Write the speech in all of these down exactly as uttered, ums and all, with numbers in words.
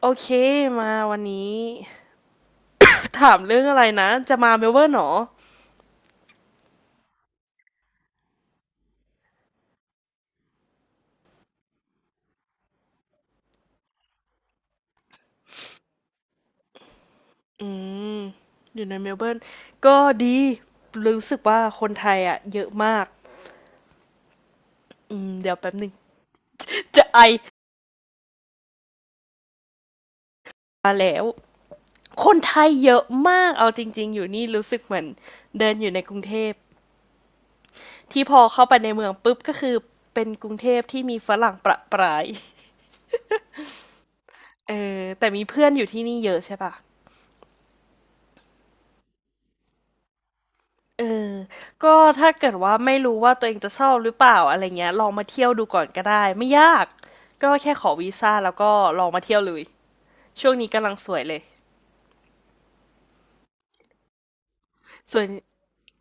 โอเคมาวันนี้ ถามเรื่องอะไรนะจะมาเมลเบิร์นเหรออืมอยู่ในเมลเบิร์นก็ดีรู้สึกว่าคนไทยอ่ะเยอะมากอืมเดี๋ยวแป๊บหนึ่ง จะไอมาแล้วคนไทยเยอะมากเอาจริงๆอยู่นี่รู้สึกเหมือนเดินอยู่ในกรุงเทพที่พอเข้าไปในเมืองปุ๊บก็คือเป็นกรุงเทพที่มีฝรั่งประปรายเออแต่มีเพื่อนอยู่ที่นี่เยอะใช่ปะ เออก็ถ้าเกิดว่าไม่รู้ว่าตัวเองจะชอบหรือเปล่าอะไรเงี้ยลองมาเที่ยวดูก่อนก็ได้ไม่ยากก็แค่ขอวีซ่าแล้วก็ลองมาเที่ยวเลยช่วงนี้กำลังสวยเลยส่วน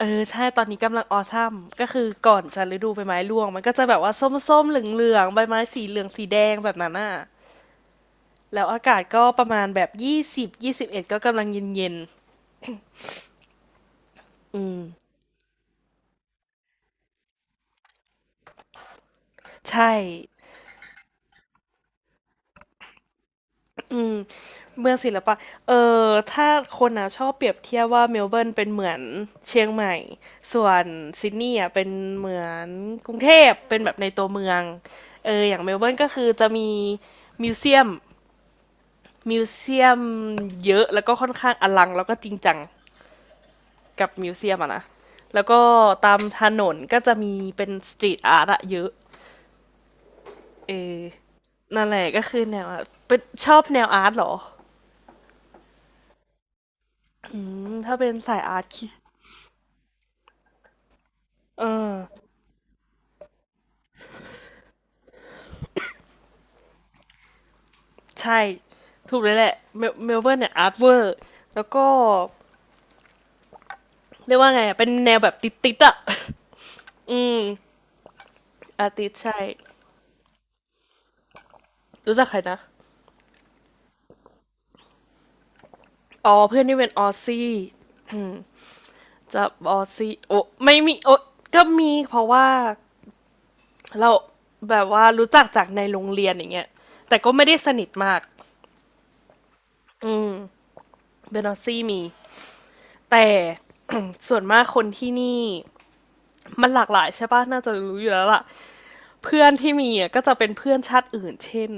เออใช่ตอนนี้กำลังออท m มก็คือก่อนจะฤดูใบไม้ร่วงมันก็จะแบบว่าส้มๆเหลืองๆใบไม้สีเหลืองสีแดงแบบนั้นน่ะแล้วอากาศก็ประมาณแบบยี่สิบยี่สิบเอ็ดก็กำลังเย็นๆใช่ เมืองศิลปะ เออ ถ้าคนอ่ะชอบเปรียบเทียบว่าเมลเบิร์นเป็นเหมือนเชียงใหม่ ส่วนซิดนีย์อ่ะเป็นเหมือนกรุงเทพ เป็นแบบในตัวเมือง เออ อย่างเมลเบิร์นก็คือจะมีมิวเซียมมิวเซียมเยอะแล้วก็ค่อนข้างอลังแล้วก็จริงจังกับมิวเซียมอะนะ แล้วก็ตามถนนก็จะมีเป็นสตรีทอาร์ตอะเยอะ เออ นั่นแหละก็คือแนวอะเป็นชอบแนวอาร์ตเหรออืมถ้าเป็นสายอาร์ตคิดเออ ใช่ ถูกเลยแหละเมลเมลเบิร์นเนี่ยอาร์ตเวอร์แล้วก็เรียกว่าไงอะเป็นแนวแบบติดติดๆอะ อืม อาร์ติสใช่รู้จักใครนะอ๋อเพื่อนที่เป็นออซซี่จะออซซี่โอ้ไม่มี โอ้ก็มีเพราะว่าเราแบบว่ารู้จักจากในโรงเรียนอย่างเงี้ย แต่ก็ไม่ได้สนิทมาก อืมเป็นออซี่มี แต่ ส่วนมากคนที่นี่มันหลากหลายใช่ปะน่าจะรู้อยู่แล้วล่ะเพื่อนที่มีอะก็จะเป็นเพื่อนชาติอื่นเช่น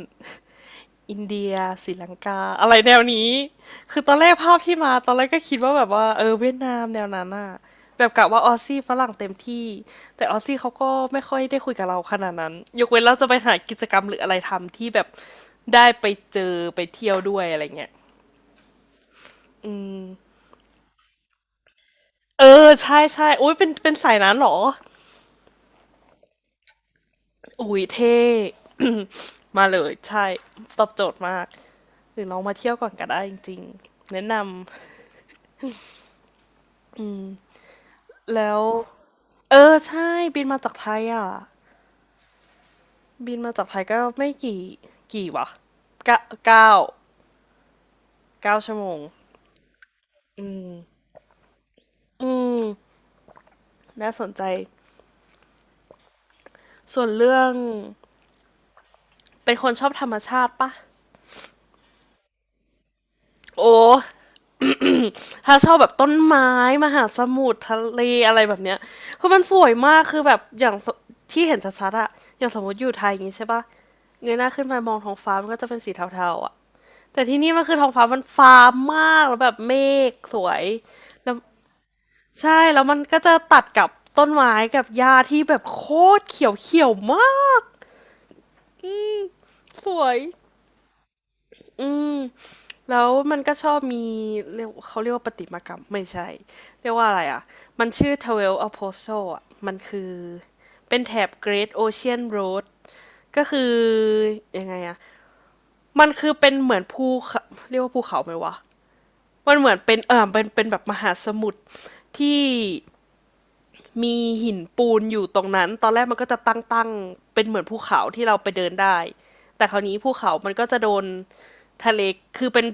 อินเดียศรีลังกาอะไรแนวนี้คือตอนแรกภาพที่มาตอนแรกก็คิดว่าแบบว่าเออเวียดนามแนวนั้นน่ะแบบกะว่าออสซี่ฝรั่งเต็มที่แต่ออสซี่เขาก็ไม่ค่อยได้คุยกับเราขนาดนั้นยกเว้นเราจะไปหากิจกรรมหรืออะไรทำที่แบบได้ไปเจอไปเที่ยวด้วยอะไรเงี้ยเออใช่ใช่อุ้ยเป็นเป็นสายนั้นเหรออุ้ยเท่ มาเลยใช่ตอบโจทย์มากหรือลองมาเที่ยวก่อนก็ได้จริงๆแนะนำแล้วเออใช่บินมาจากไทยอ่ะ บินมาจากไทยก็ไม่กี่กี่วะเก้าเก้าเก้าชั่วโมงอืมน่าสนใจส่วนเรื่องเป็นคนชอบธรรมชาติปะโอ้ถ้าชอบแบบต้นไม้มหาสมุทรทะเลอะไรแบบเนี้ยคือมันสวยมากคือแบบอย่างที่เห็นชัดๆอะอย่างสมมติอยู่ไทยอย่างงี้ใช่ปะเงยหน้าขึ้นไปมองท้องฟ้ามันก็จะเป็นสีเทาๆอะแต่ที่นี่มันคือท้องฟ้ามันฟ้ามากแล้วแบบเมฆสวยแล้ว ใช่แล้วมันก็จะตัดกับต้นไม้กับหญ้าที่แบบโคตรเขียวเขียวมากสวยอืมแล้วมันก็ชอบมีเรียกเขาเรียกว่าประติมากรรมไม่ใช่เรียกว่าอะไรอ่ะมันชื่อ Twelve Apostles อ่ะมันคือเป็นแถบ Great Ocean Road ก็คือยังไงอ่ะมันคือเป็นเหมือนภูเขาเรียกว่าภูเขาไหมวะมันเหมือนเป็นเออเป็นเป็นแบบมหาสมุทรที่ มีหินปูนอยู่ตรงนั้น ตอนแรกมันก็จะตั้งๆเป็นเหมือนภูเขาที่เราไปเดินได้ แต่คราวนี้ภูเขามันก็จะโดนทะเล คือเป็น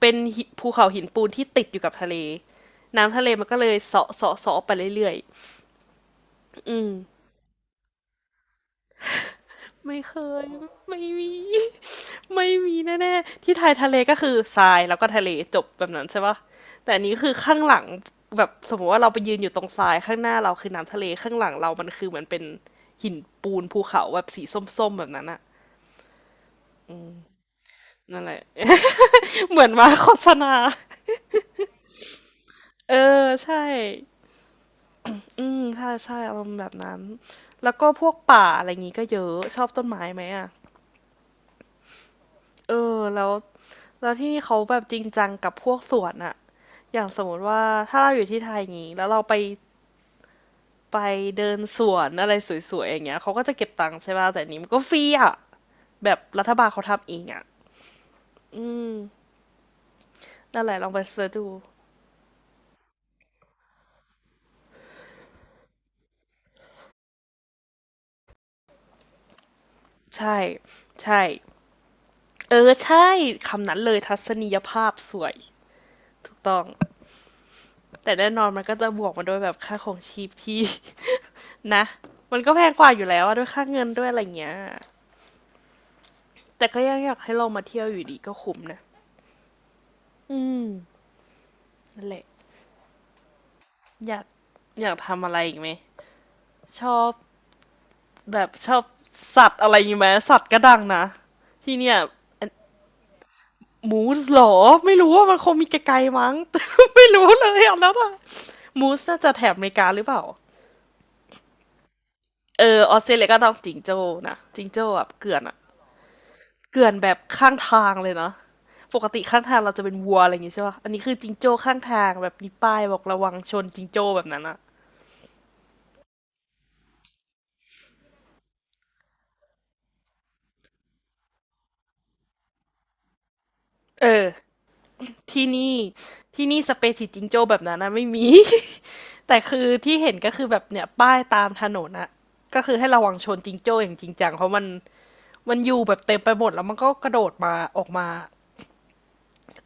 เป็นหิภูเขาหินปูนที่ติดอยู่กับทะเล น้ำทะเลมันก็เลยเสาะเสาะเสาะไปเรื่อยๆอืม ไม่เคยไม่มี ไม่มีแน่ๆที่ไทยทะเลก็คือทรายแล้วก็ทะเลจบแบบนั้นใช่ปะแต่อันนี้คือข้างหลังแบบสมมติว่าเราไปยืนอยู่ตรงทรายข้างหน้าเราคือน้ำทะเลข้างหลังเรามันคือเหมือนเป็นหินปูนภูเขาแบบสีส้มๆแบบนั้นอะนั่นแหละ เหมือนมาโฆษณา เออใช่อืมใช่ใช่อารมณ์แบบนั้นแล้วก็พวกป่าอะไรอย่างงี้ก็เยอะชอบต้นไม้ไหมอะเออแล้วแล้วที่นี่เขาแบบจริงจังกับพวกสวนอะ อย่างสมมติว่าถ้าเราอยู่ที่ไทยงงี้แล้วเราไปไปเดินสวนอะไรสวยๆอย่างเงี้ยเขาก็จะเก็บตังค์ใช่ป่ะแต่อันนี้มันก็ฟรีอ่ะแบบรัฐบาลเขาทำเองอ่ะนั่นแหละลองไปเสิร์ชดูใช่ใช่เออใช่คำนั้นเลยทัศนียภาพสวยถูกต้องแต่แน่นอนมันก็จะบวกมาด้วยแบบค่าของชีพที่ นะมันก็แพงกว่าอยู่แล้วอะด้วยค่าเงินด้วยอะไรเงี้ยแต่ก็ยังอยากให้ลองมาเที่ยวอยู่ดีก็คุ้มนะอืมนั่นแหละอยากอยากทำอะไรอีกไหมชอบ แบบชอบสัตว์อะไรอย่ไหมสัตว์ก็ดังนะที่เนี่ยมูสหรอไม่รู้ว่ามันคงมีไกลๆมั้ง ไม่รู้เลยอ่ะแล้วอะมูสน่าจะแถบอเมริกาหรือเปล่าเออออสเตรเลียก็ต้องจิงโจ้นะจิงโจ้แบบเกลื่อนอะเกลื่อนแบบข้างทางเลยนะปกติข้างทางเราจะเป็นวัวอะไรอย่างงี้ใช่ป่ะอันนี้คือจิงโจ้ข้างทางแบบมีป้ายบอกระวังชนจิงโจ้แบบนั้นอะเออที่นี่ที่นี่สเปเชียลจิงโจ้แบบนั้นนะไม่มี แต่คือที่เห็นก็คือแบบเนี่ยป้ายตามถนนอะก็คือให้ระวังชนจิงโจ้อย่างจริงจังเพราะมันมันอยู่แบบเต็มไปหมดแล้วมันก็กระโดดมาออกมา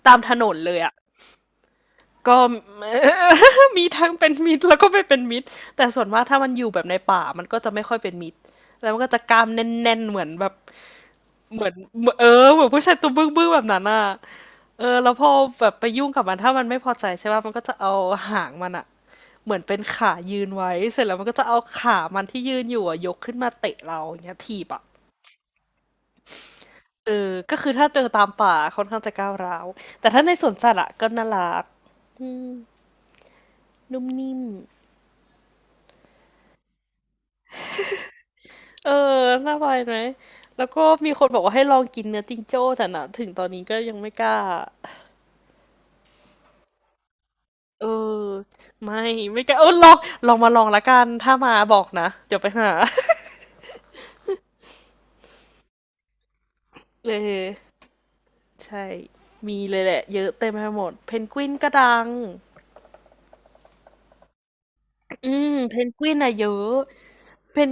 ตามถนนเลยอะก็มีทั้งเป็นมิตรแล้วก็ไม่เป็นมิตรแต่ส่วนมากถ้ามันอยู่แบบในป่ามันก็จะไม่ค่อยเป็นมิตรแล้วมันก็จะกล้ามแน่นๆเหมือนแบบเหมือนเอเอเหมือนผู้ชายตัวบึ้งๆแบบนั้นอะเออแล้วพอแบบไปยุ่งกับมันถ้ามันไม่พอใจใช่ป่ะมันก็จะเอาหางมันอะ เหมือนเป็นขายืนไว้เสร็จแล้วมันก็จะเอาขามันที่ยืนอยู่อะยกขึ้นมาเตะเราอย่างเงี้ยถีบอะเออก็คือถ้าเจอตามป่าค่อนข้างจะก้าวร้าวแต่ถ้าในสวนสัตว์อะก็น่ารักอืมนุ่มนิ่มเออน่าไปไหมแล้วก็มีคนบอกว่าให้ลองกินเนื้อจิงโจ้แต่นะถึงตอนนี้ก็ยังไม่กล้าเออไม่ไม่กล้าเออลองลองมาลองละกันถ้ามาบอกนะเดี๋ยวไปหา เออใช่มีเลยแหละเยอะเต็มไปหมดเพนกวินก็ดัง อืมเพนกวินอะเยอะเป็น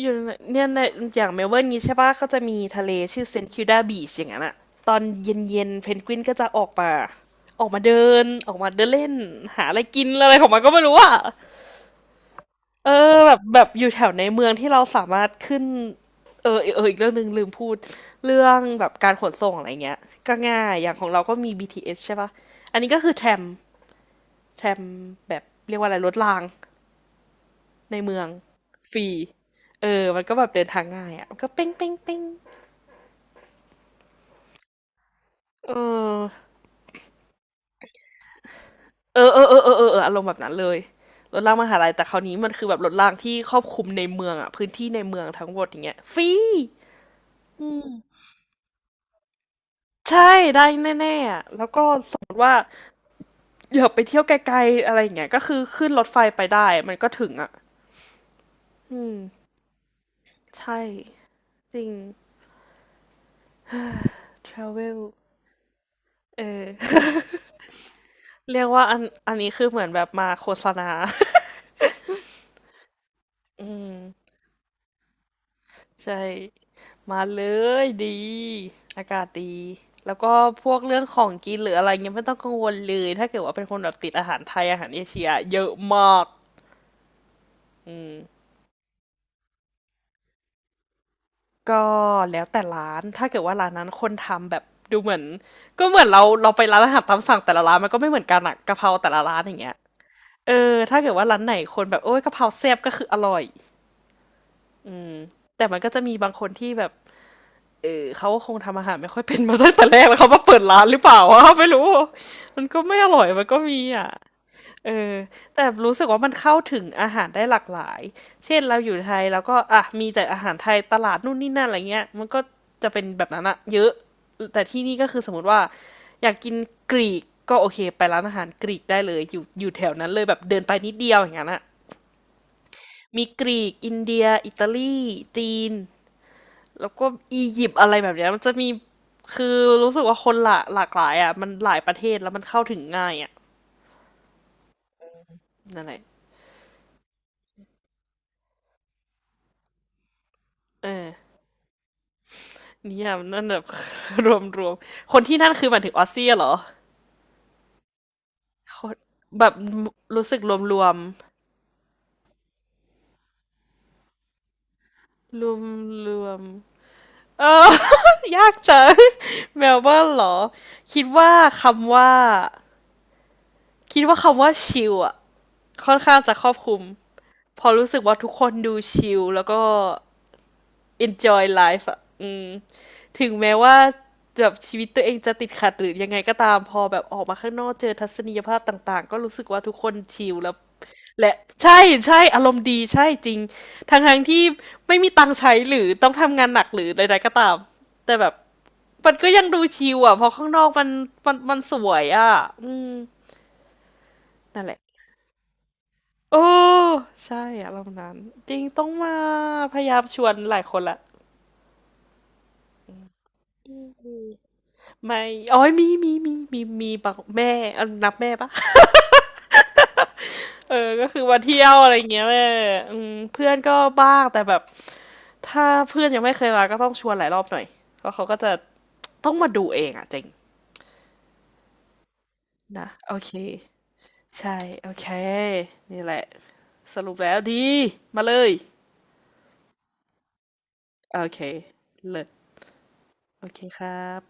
อยู่ในเนี่ยในอย่างเมลเบิร์นนี้ใช่ปะก็จะมีทะเลชื่อเซนต์คิวดาบีชอย่างนั้นอะตอนเย็นๆเพนกวินก็จะออกมาออกมาเดินออกมาเดินเล่นหาอะไรกินอะไรของมันก็ไม่รู้อะเออแบบแบบอยู่แถวในเมืองที่เราสามารถขึ้นเออเอออีกเรื่องหนึ่งลืมพูดเรื่องแบบการขนส่งอะไรเงี้ยก็ง่ายอย่างของเราก็มีบีทีเอสใช่ปะอันนี้ก็คือแทรมแทรมแบบเรียกว่าอะไรรถราง ในเมืองฟรีเออมันก็แบบเดินทางง่ายอ่ะมันก็เป้งเป้งเป้งเออเออเออเออเออเออเอออารมณ์แบบนั้นเลยรถรางมหาลัยแต่คราวนี้มันคือแบบรถรางที่ครอบคลุมในเมืองอ่ะพื้นที่ในเมืองทั้งหมดอย่างเงี้ยฟรีอืมใช่ได้แน่ๆอ่ะแล้วก็สมมติว่าอยากไปเที่ยวไกลๆอะไรอย่างเงี้ยก็คือขึ้นรถไฟไปได้มันก็ถึงอ่ะอืมใช่จริง travel เออ เรียกว่าอันอันนี้คือเหมือนแบบมาโฆษณา อืม ใช่มาเลยดีอากาศดีแล้วก็พวกเรื่องของกินหรืออะไรเงี้ยไม่ต้องกังวลเลยถ้าเกิดว่าเป็นคนแบบติดอาหารไทยอาหารเอเชียเยอะมากอืมก็แล้วแต่ร้านถ้าเกิดว่าร้านนั้นคนทำแบบดูเหมือนก็เหมือนเราเราไปร้านอาหารตามสั่งแต่ละร้านมันก็ไม่เหมือนกันอะกะเพราแต่ละร้านอย่างเงี้ยเออถ้าเกิดว่าร้านไหนคนแบบโอ้ยกะเพราแซ่บก็คืออร่อยแต่มันก็จะมีบางคนที่แบบ เขาคงทำอาหารไม่ค่อยเป็นมาตั้งแต่แรกแล้วเขามาเปิดร้านหรือเปล่าวะ ไม่รู้มันก็ไม่อร่อยมันก็มีอ่ะเออแต่รู้สึกว่ามันเข้าถึงอาหารได้หลากหลายเช่นเราอยู่ไทยแล้วก็อ่ะมีแต่อาหารไทยตลาดนู่นนี่นั่นอะไรเงี้ยมันก็จะเป็นแบบนั้นอะเยอะแต่ที่นี่ก็คือสมมติว่าอยากกินกรีกก็โอเคไปร้านอาหารกรีกได้เลยอยู่อยู่แถวนั้นเลยแบบเดินไปนิดเดียวอย่างนั้นอะมีกรีกอินเดียอิตาลีจีน แล้วก็อียิปต์อะไรแบบเนี้ยมันจะมีคือรู้สึกว่าคนหลากหลากหลายอ่ะมันหลายประเทศแล้วมันเข้าถึงง่ายอ่ะนั่นแหละเออนี่อ่ะนนั่นแบบ รวมรวมคนที่นั่นคือหมายถึงออสเซียเหรอคนแบบรู้สึกรวมรวมรวมรวมเออ ยากจังเมลเบิร์นเหรอคิดว่าคำว่าคิดว่าคำว่าชิลอ่ะค่อนข้างจะครอบคลุมพอรู้สึกว่าทุกคนดูชิลแล้วก็ enjoy life อ่ะอืมถึงแม้ว่าแบบชีวิตตัวเองจะติดขัดหรือยังไงก็ตามพอแบบออกมาข้างนอกเจอทัศนียภาพต่างๆก็รู้สึกว่าทุกคนชิลแล้วและใช่ใช่อารมณ์ดีใช่จริงทั้งทั้งๆที่ไม่มีตังค์ใช้หรือต้องทำงานหนักหรือใดๆก็ตามแต่แบบมันก็ยังดูชิลอ่ะเพราะข้างนอกมันมันมันสวยอ่ะอืมนั่นแหละโอ้ใช่อารมณ์นั้นจริงต้องมาพยายามชวนหลายคนละ ไม่อ๋อยมีมีมีมีมีบอกแม่เออนับแม่เปะ เออ ก็คือมาเที่ยวอะไรอย่างเงี้ยแม่อืมเพื่อนก็บ้าง แต่แบบ ถ้าเพื่อนยังไม่เคยมาก็ต้องชวนหลายรอบหน่อย เพราะเขาก็จะ ต้องมาดูเองอะเจริงนะ โอเค ใช่ โอเค นี่แหละสรุปแล้วดี มาเลย โอเคเลิศโอเคครับ